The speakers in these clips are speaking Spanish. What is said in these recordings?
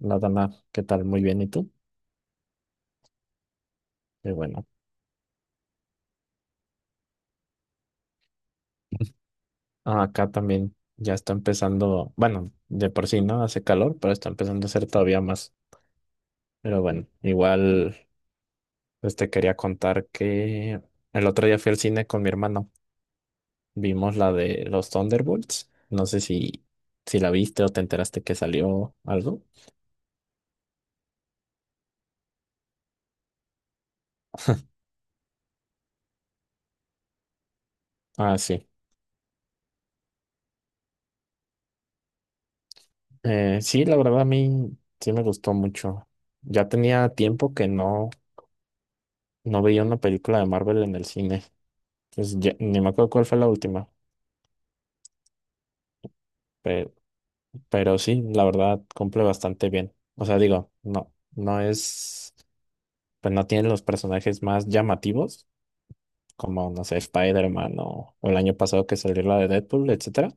Nada más, ¿qué tal? Muy bien, ¿y tú? Qué bueno. Ah, acá también ya está empezando, bueno, de por sí, ¿no? Hace calor, pero está empezando a hacer todavía más. Pero bueno, igual, pues te quería contar que el otro día fui al cine con mi hermano. Vimos la de los Thunderbolts. No sé si la viste o te enteraste que salió algo. Ah, sí. Sí, la verdad a mí sí me gustó mucho. Ya tenía tiempo que no veía una película de Marvel en el cine. Pues ni me acuerdo cuál fue la última, pero, pero sí, la verdad cumple bastante bien. O sea, digo, no es, pues no tiene los personajes más llamativos, como, no sé, Spider-Man o el año pasado que salió la de Deadpool, etcétera.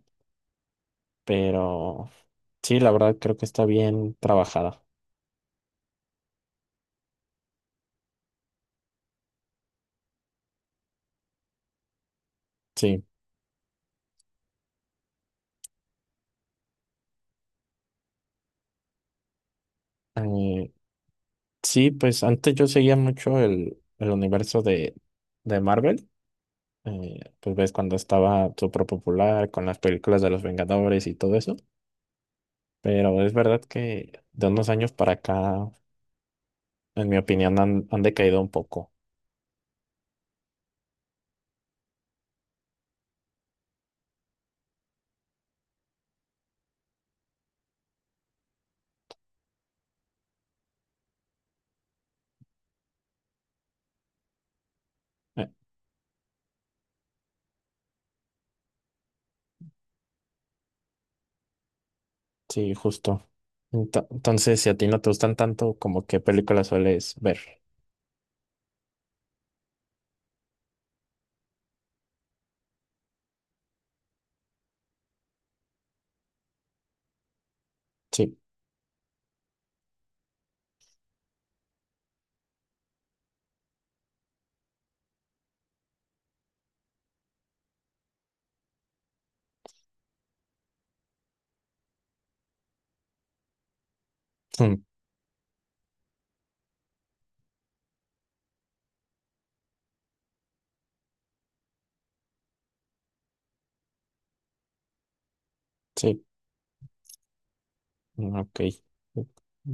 Pero sí, la verdad creo que está bien trabajada. Sí. Eh, sí, pues antes yo seguía mucho el universo de Marvel. Pues ves cuando estaba súper popular con las películas de los Vengadores y todo eso. Pero es verdad que de unos años para acá, en mi opinión, han decaído un poco. Eh, sí, justo. Entonces, si a ti no te gustan tanto, ¿como qué películas sueles ver? Sí, mm, sí, ok.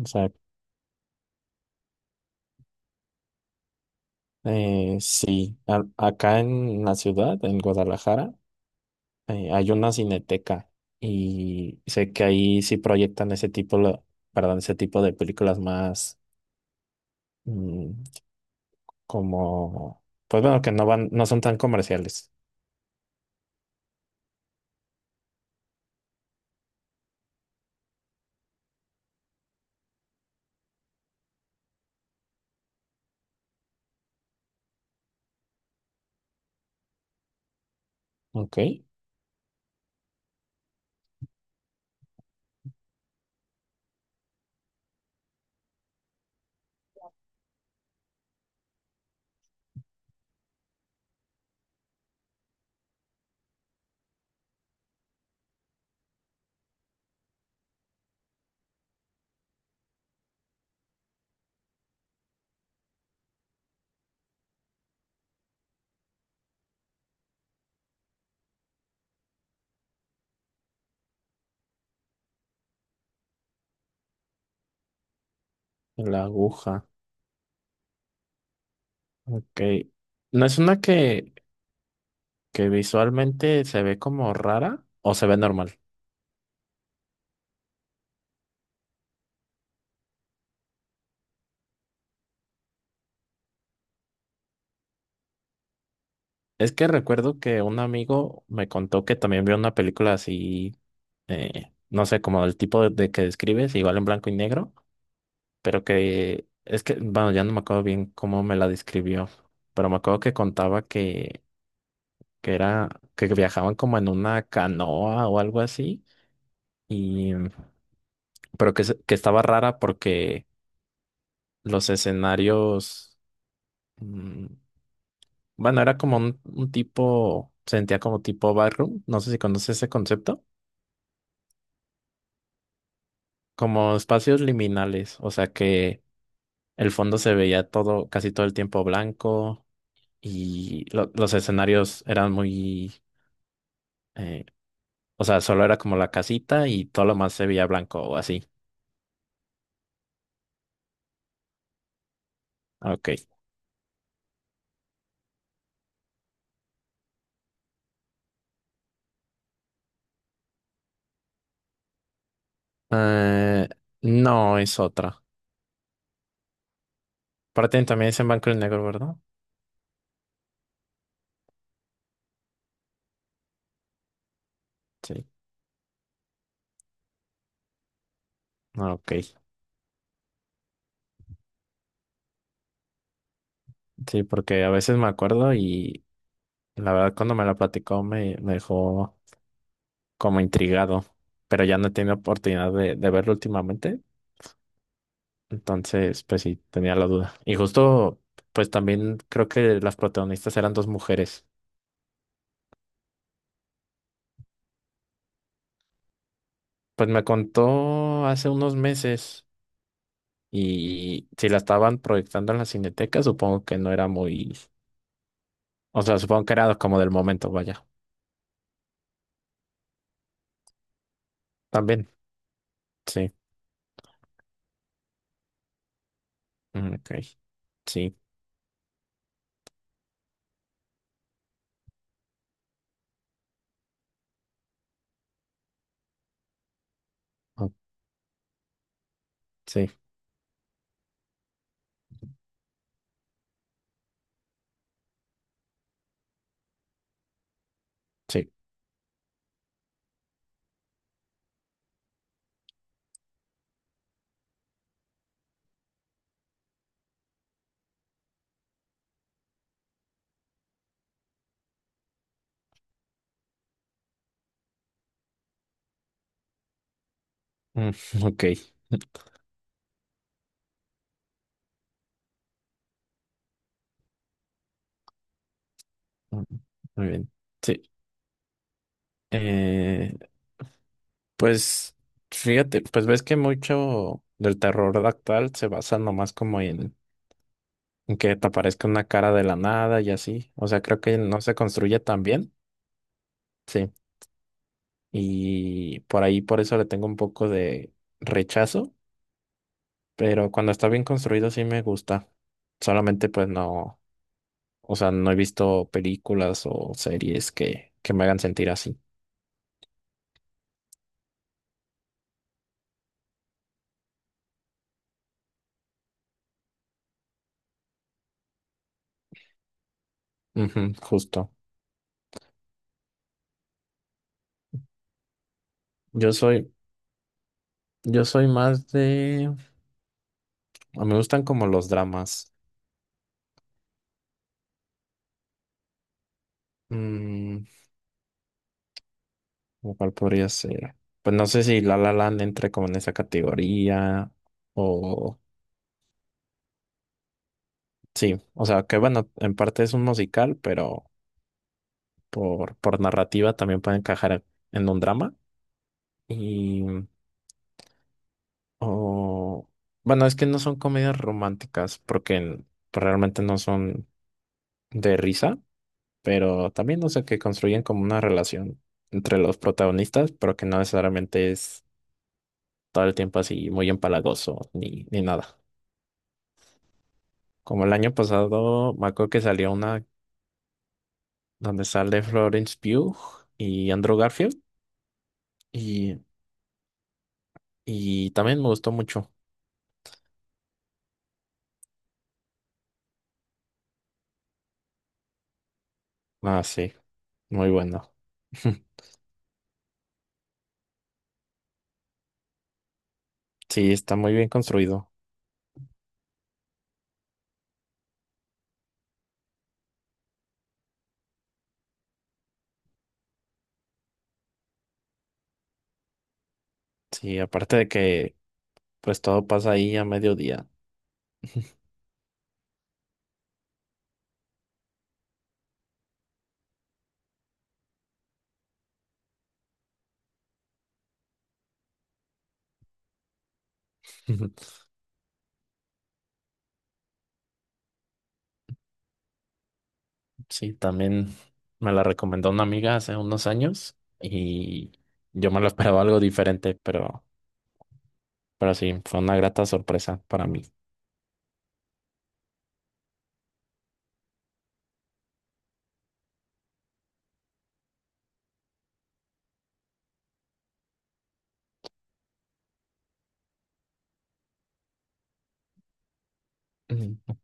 O sea, sí, acá en la ciudad, en Guadalajara, hay una cineteca y sé que ahí sí proyectan ese tipo, perdón, ese tipo de películas más. mm, Como, pues bueno, que no van, no son tan comerciales. Ok, la aguja. Ok. ¿No es una que visualmente se ve como rara o se ve normal? Es que recuerdo que un amigo me contó que también vio una película así, no sé, como el tipo de que describes, igual en blanco y negro, pero que es que, bueno, ya no me acuerdo bien cómo me la describió, pero me acuerdo que contaba que era, que viajaban como en una canoa o algo así. Y pero que, que estaba rara porque los escenarios, mm, bueno, era como un tipo, sentía como tipo barroom, no sé si conoces ese concepto, como espacios liminales, o sea que el fondo se veía todo, casi todo el tiempo blanco y los escenarios eran muy, eh, o sea, solo era como la casita y todo lo más se veía blanco o así. Ok. Eh, no, es otra. Aparte también es en blanco y negro, ¿verdad? Sí. Ah, ok. Sí, porque a veces me acuerdo y la verdad cuando me la platicó me dejó como intrigado, pero ya no he tenido oportunidad de verlo últimamente, entonces pues sí, tenía la duda. Y justo pues también creo que las protagonistas eran dos mujeres. Pues me contó hace unos meses y si la estaban proyectando en la Cineteca, supongo que no era muy, o sea, supongo que era como del momento, vaya. También, sí, ok, sí, o- sí, sí, mm, ok. Mm, Muy bien. Sí. Eh, pues fíjate, pues ves que mucho del terror actual se basa nomás como en que te aparezca una cara de la nada y así. O sea, creo que no se construye tan bien. Sí. Y por ahí, por eso le tengo un poco de rechazo, pero cuando está bien construido sí me gusta. Solamente pues no, o sea, no he visto películas o series que me hagan sentir así. Ujú, justo. Yo soy, yo soy más de... A mí me gustan como los dramas. Mm, ¿O cuál podría ser? Pues no sé si La La Land entre como en esa categoría o... Sí, o sea, que bueno, en parte es un musical, pero por narrativa también puede encajar en un drama. Y... O... Bueno, es que no son comedias románticas porque pues realmente no son de risa. Pero también, no sé, que construyen como una relación entre los protagonistas, pero que no necesariamente es todo el tiempo así muy empalagoso ni nada. Como el año pasado, me acuerdo que salió una donde sale Florence Pugh y Andrew Garfield, y, y también me gustó mucho. Ah, sí, muy bueno. Sí, está muy bien construido. Sí, aparte de que pues todo pasa ahí a mediodía. Sí, también me la recomendó una amiga hace unos años y yo me lo esperaba algo diferente, pero sí, fue una grata sorpresa para mí. Mm.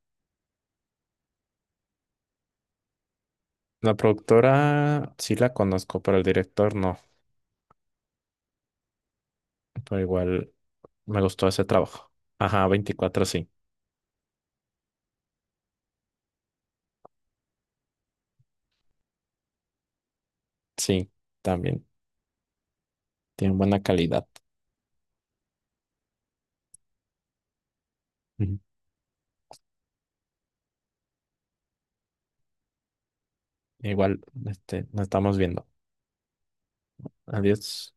La productora sí la conozco, pero el director no, pero igual me gustó ese trabajo. Ajá, 24 sí, sí, también, tiene buena calidad. Ujú. Igual, este, nos estamos viendo. Adiós.